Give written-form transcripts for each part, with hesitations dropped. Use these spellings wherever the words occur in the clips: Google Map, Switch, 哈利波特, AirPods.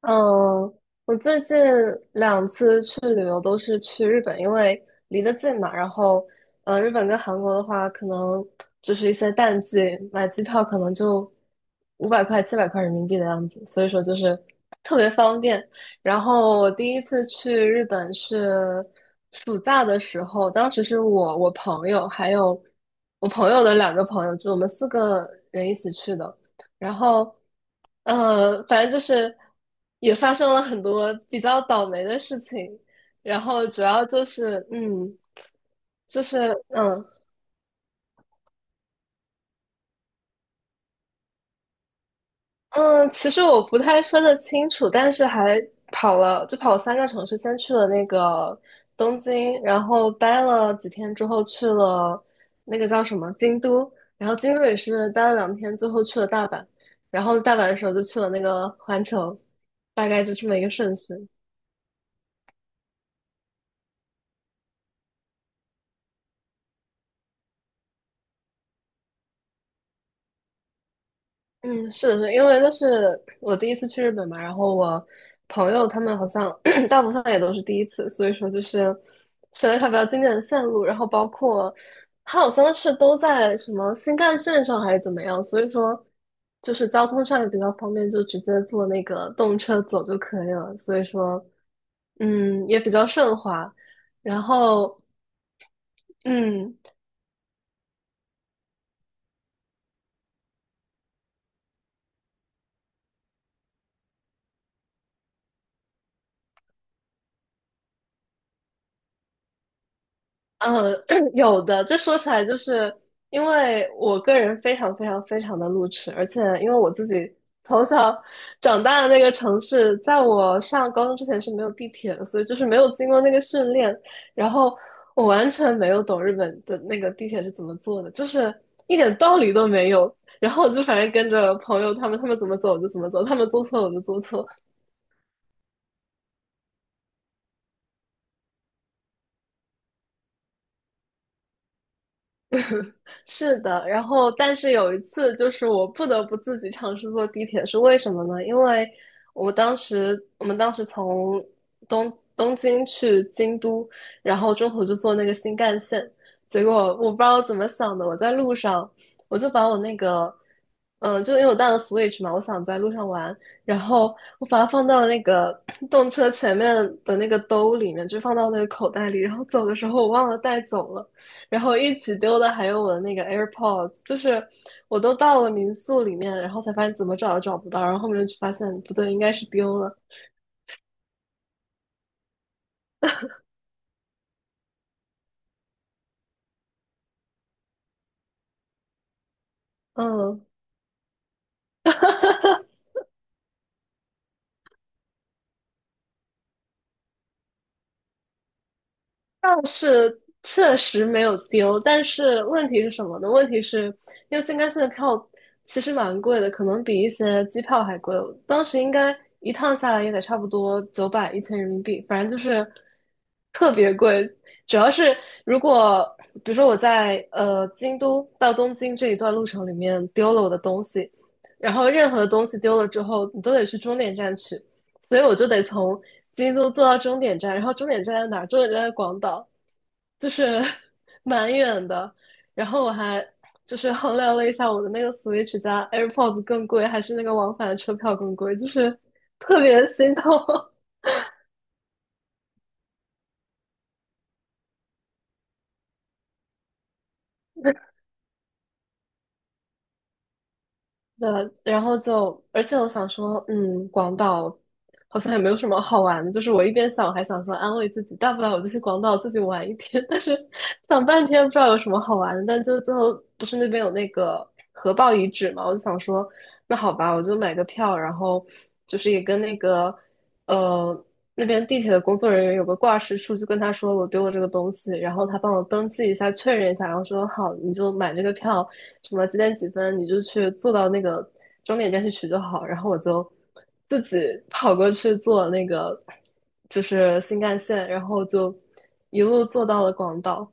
嗯，我最近两次去旅游都是去日本，因为离得近嘛。然后，日本跟韩国的话，可能就是一些淡季，买机票可能就500块、700块人民币的样子，所以说就是特别方便。然后我第一次去日本是暑假的时候，当时是我、我朋友还有我朋友的两个朋友，就我们四个人一起去的。然后，反正就是也发生了很多比较倒霉的事情，然后主要就是，就是嗯嗯，其实我不太分得清楚，但是还跑了，就跑了三个城市，先去了那个东京，然后待了几天之后去了那个叫什么京都，然后京都也是待了2天，最后去了大阪，然后大阪的时候就去了那个环球，大概就这么一个顺序。嗯，是的，是因为那是我第一次去日本嘛，然后我朋友他们好像 大部分也都是第一次，所以说就是选了一条比较经典的线路，然后包括它好像是都在什么新干线上还是怎么样，所以说就是交通上也比较方便，就直接坐那个动车走就可以了，所以说也比较顺滑，然后嗯。嗯，有的，这说起来就是因为我个人非常非常非常的路痴，而且因为我自己从小长大的那个城市，在我上高中之前是没有地铁的，所以就是没有经过那个训练，然后我完全没有懂日本的那个地铁是怎么坐的，就是一点道理都没有。然后我就反正跟着朋友他们，他们怎么走我就怎么走，他们做错了我就做错。是的，然后但是有一次，就是我不得不自己尝试坐地铁，是为什么呢？因为我们当时从东京去京都，然后中途就坐那个新干线，结果我不知道怎么想的，我在路上我就把我那个，就因为我带了 Switch 嘛，我想在路上玩，然后我把它放到那个动车前面的那个兜里面，就放到那个口袋里，然后走的时候我忘了带走了。然后一起丢的还有我的那个 AirPods,就是我都到了民宿里面，然后才发现怎么找都找不到，然后后面就发现不对，应该是丢了。嗯，是确实没有丢，但是问题是什么呢？问题是因为新干线的票其实蛮贵的，可能比一些机票还贵。当时应该一趟下来也得差不多九百一千人民币，反正就是特别贵。主要是如果比如说我在京都到东京这一段路程里面丢了我的东西，然后任何的东西丢了之后，你都得去终点站取。所以我就得从京都坐到终点站，然后终点站在哪儿？终点站在广岛，就是 蛮远的。然后我还就是衡量了一下，我的那个 Switch 加 AirPods 更贵，还是那个往返的车票更贵，就是特别心痛。然后就，而且我想说，广岛好像也没有什么好玩的，就是我一边想，还想说安慰自己，大不了我就去广岛自己玩一天，但是想半天不知道有什么好玩的，但就最后不是那边有那个核爆遗址嘛，我就想说，那好吧，我就买个票，然后就是也跟那个呃，那边地铁的工作人员有个挂失处，就跟他说我丢了这个东西，然后他帮我登记一下，确认一下，然后说好，你就买这个票，什么几点几分，你就去坐到那个终点站去取就好。然后我就自己跑过去坐那个就是新干线，然后就一路坐到了广岛。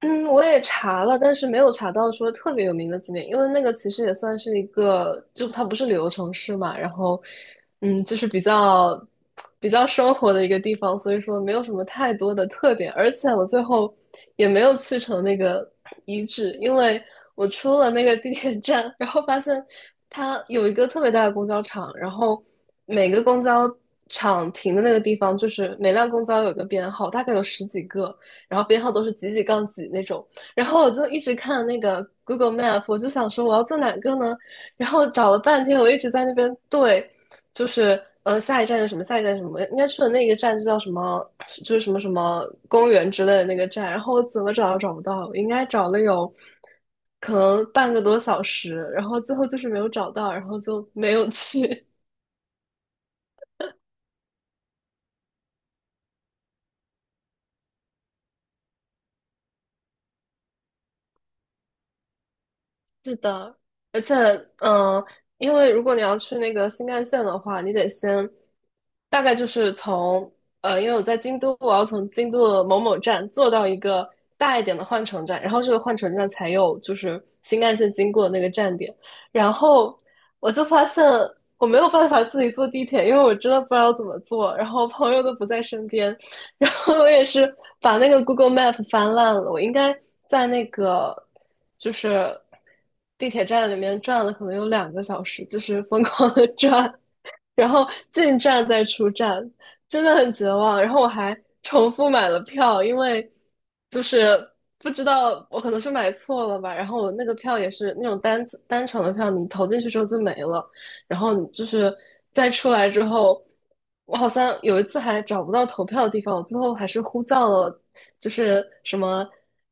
嗯，我也查了，但是没有查到说特别有名的景点，因为那个其实也算是一个，就它不是旅游城市嘛，然后，就是比较生活的一个地方，所以说没有什么太多的特点，而且我最后也没有去成那个遗址，因为我出了那个地铁站，然后发现它有一个特别大的公交场，然后每个公交场停的那个地方，就是每辆公交有个编号，大概有十几个。然后编号都是几几杠几那种。然后我就一直看那个 Google Map,我就想说我要坐哪个呢？然后找了半天，我一直在那边对，就是下一站是什么，下一站是什么，应该去的那个站就叫什么，就是什么什么公园之类的那个站。然后我怎么找都找不到，我应该找了有可能半个多小时，然后最后就是没有找到，然后就没有去。是的，而且，嗯、呃因为如果你要去那个新干线的话，你得先大概就是因为我在京都，我要从京都的某某站坐到一个大一点的换乘站，然后这个换乘站才有就是新干线经过的那个站点，然后我就发现我没有办法自己坐地铁，因为我真的不知道怎么坐，然后朋友都不在身边，然后我也是把那个 Google Map 翻烂了，我应该在那个就是地铁站里面转了，可能有2个小时，就是疯狂的转，然后进站再出站，真的很绝望。然后我还重复买了票，因为就是不知道我可能是买错了吧，然后我那个票也是那种单程的票，你投进去之后就没了，然后就是再出来之后，我好像有一次还找不到投票的地方，我最后还是呼叫了，就是什么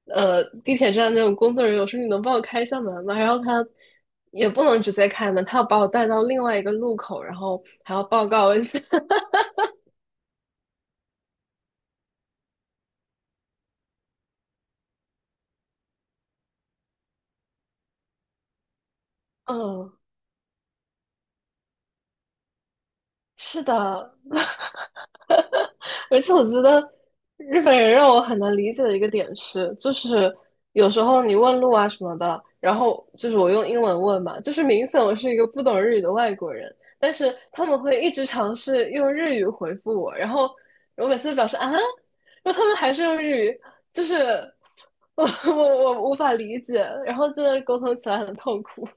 地铁站那种工作人员，我说你能帮我开一下门吗？然后他也不能直接开门，他要把我带到另外一个路口，然后还要报告一下。嗯，是的，而且我觉得日本人让我很难理解的一个点是，就是有时候你问路啊什么的，然后就是我用英文问嘛，就是明显我是一个不懂日语的外国人，但是他们会一直尝试用日语回复我，然后我每次表示啊，那他们还是用日语，就是 我我无法理解，然后真的沟通起来很痛苦。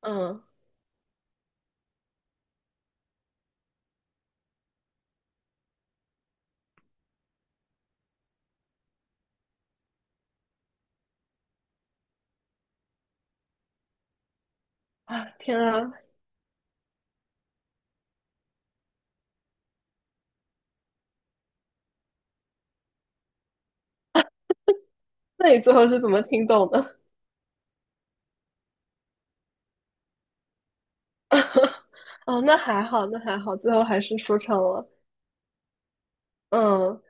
嗯，啊，天啊，那你最后是怎么听懂的？哦，那还好，那还好，最后还是说成了。嗯，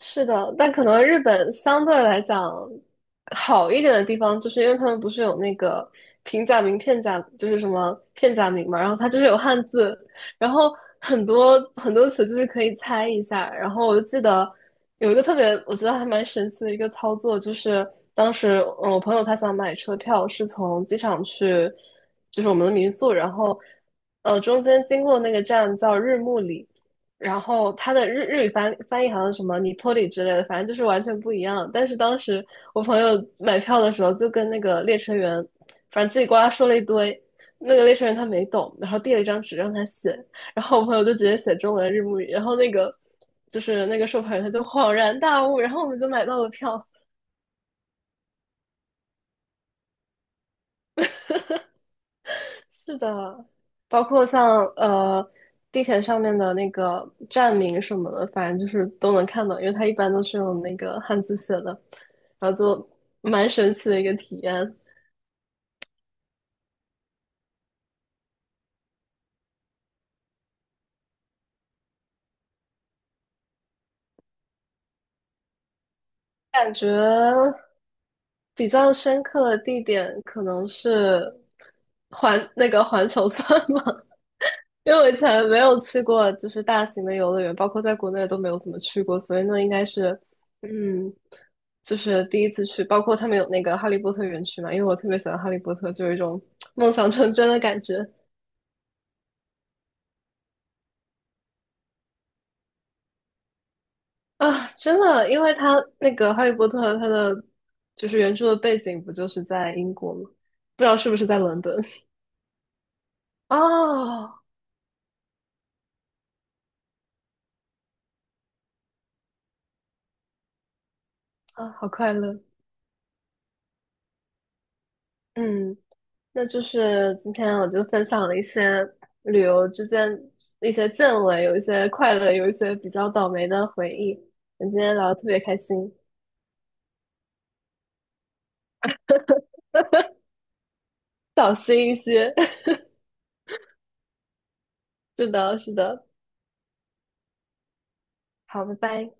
是的，但可能日本相对来讲好一点的地方，就是因为他们不是有那个平假名、片假，就是什么片假名嘛，然后它就是有汉字，然后很多很多词就是可以猜一下。然后我就记得有一个特别，我觉得还蛮神奇的一个操作，就是当时我朋友他想买车票，是从机场去，就是我们的民宿，然后中间经过那个站叫日暮里。然后他的日语翻译好像什么"尼坡里"之类的，反正就是完全不一样。但是当时我朋友买票的时候，就跟那个列车员，反正叽里呱啦说了一堆，那个列车员他没懂，然后递了一张纸让他写，然后我朋友就直接写中文日母语，然后那个就是那个售票员他就恍然大悟，然后我们就买到了票。是的，包括像地铁上面的那个站名什么的，反正就是都能看到，因为它一般都是用那个汉字写的，然后就蛮神奇的一个体验。感觉比较深刻的地点可能是那个环球算吗？因为我以前没有去过，就是大型的游乐园，包括在国内都没有怎么去过，所以那应该是，嗯，就是第一次去。包括他们有那个哈利波特园区嘛，因为我特别喜欢哈利波特，就有一种梦想成真的感觉啊！真的，因为他那个哈利波特，他的就是原著的背景不就是在英国吗？不知道是不是在伦敦？哦，啊，好快乐！嗯，那就是今天我就分享了一些旅游之间一些见闻，有一些快乐，有一些比较倒霉的回忆。我们今天聊的特别开心，小心一些。是的，是的，好，拜拜。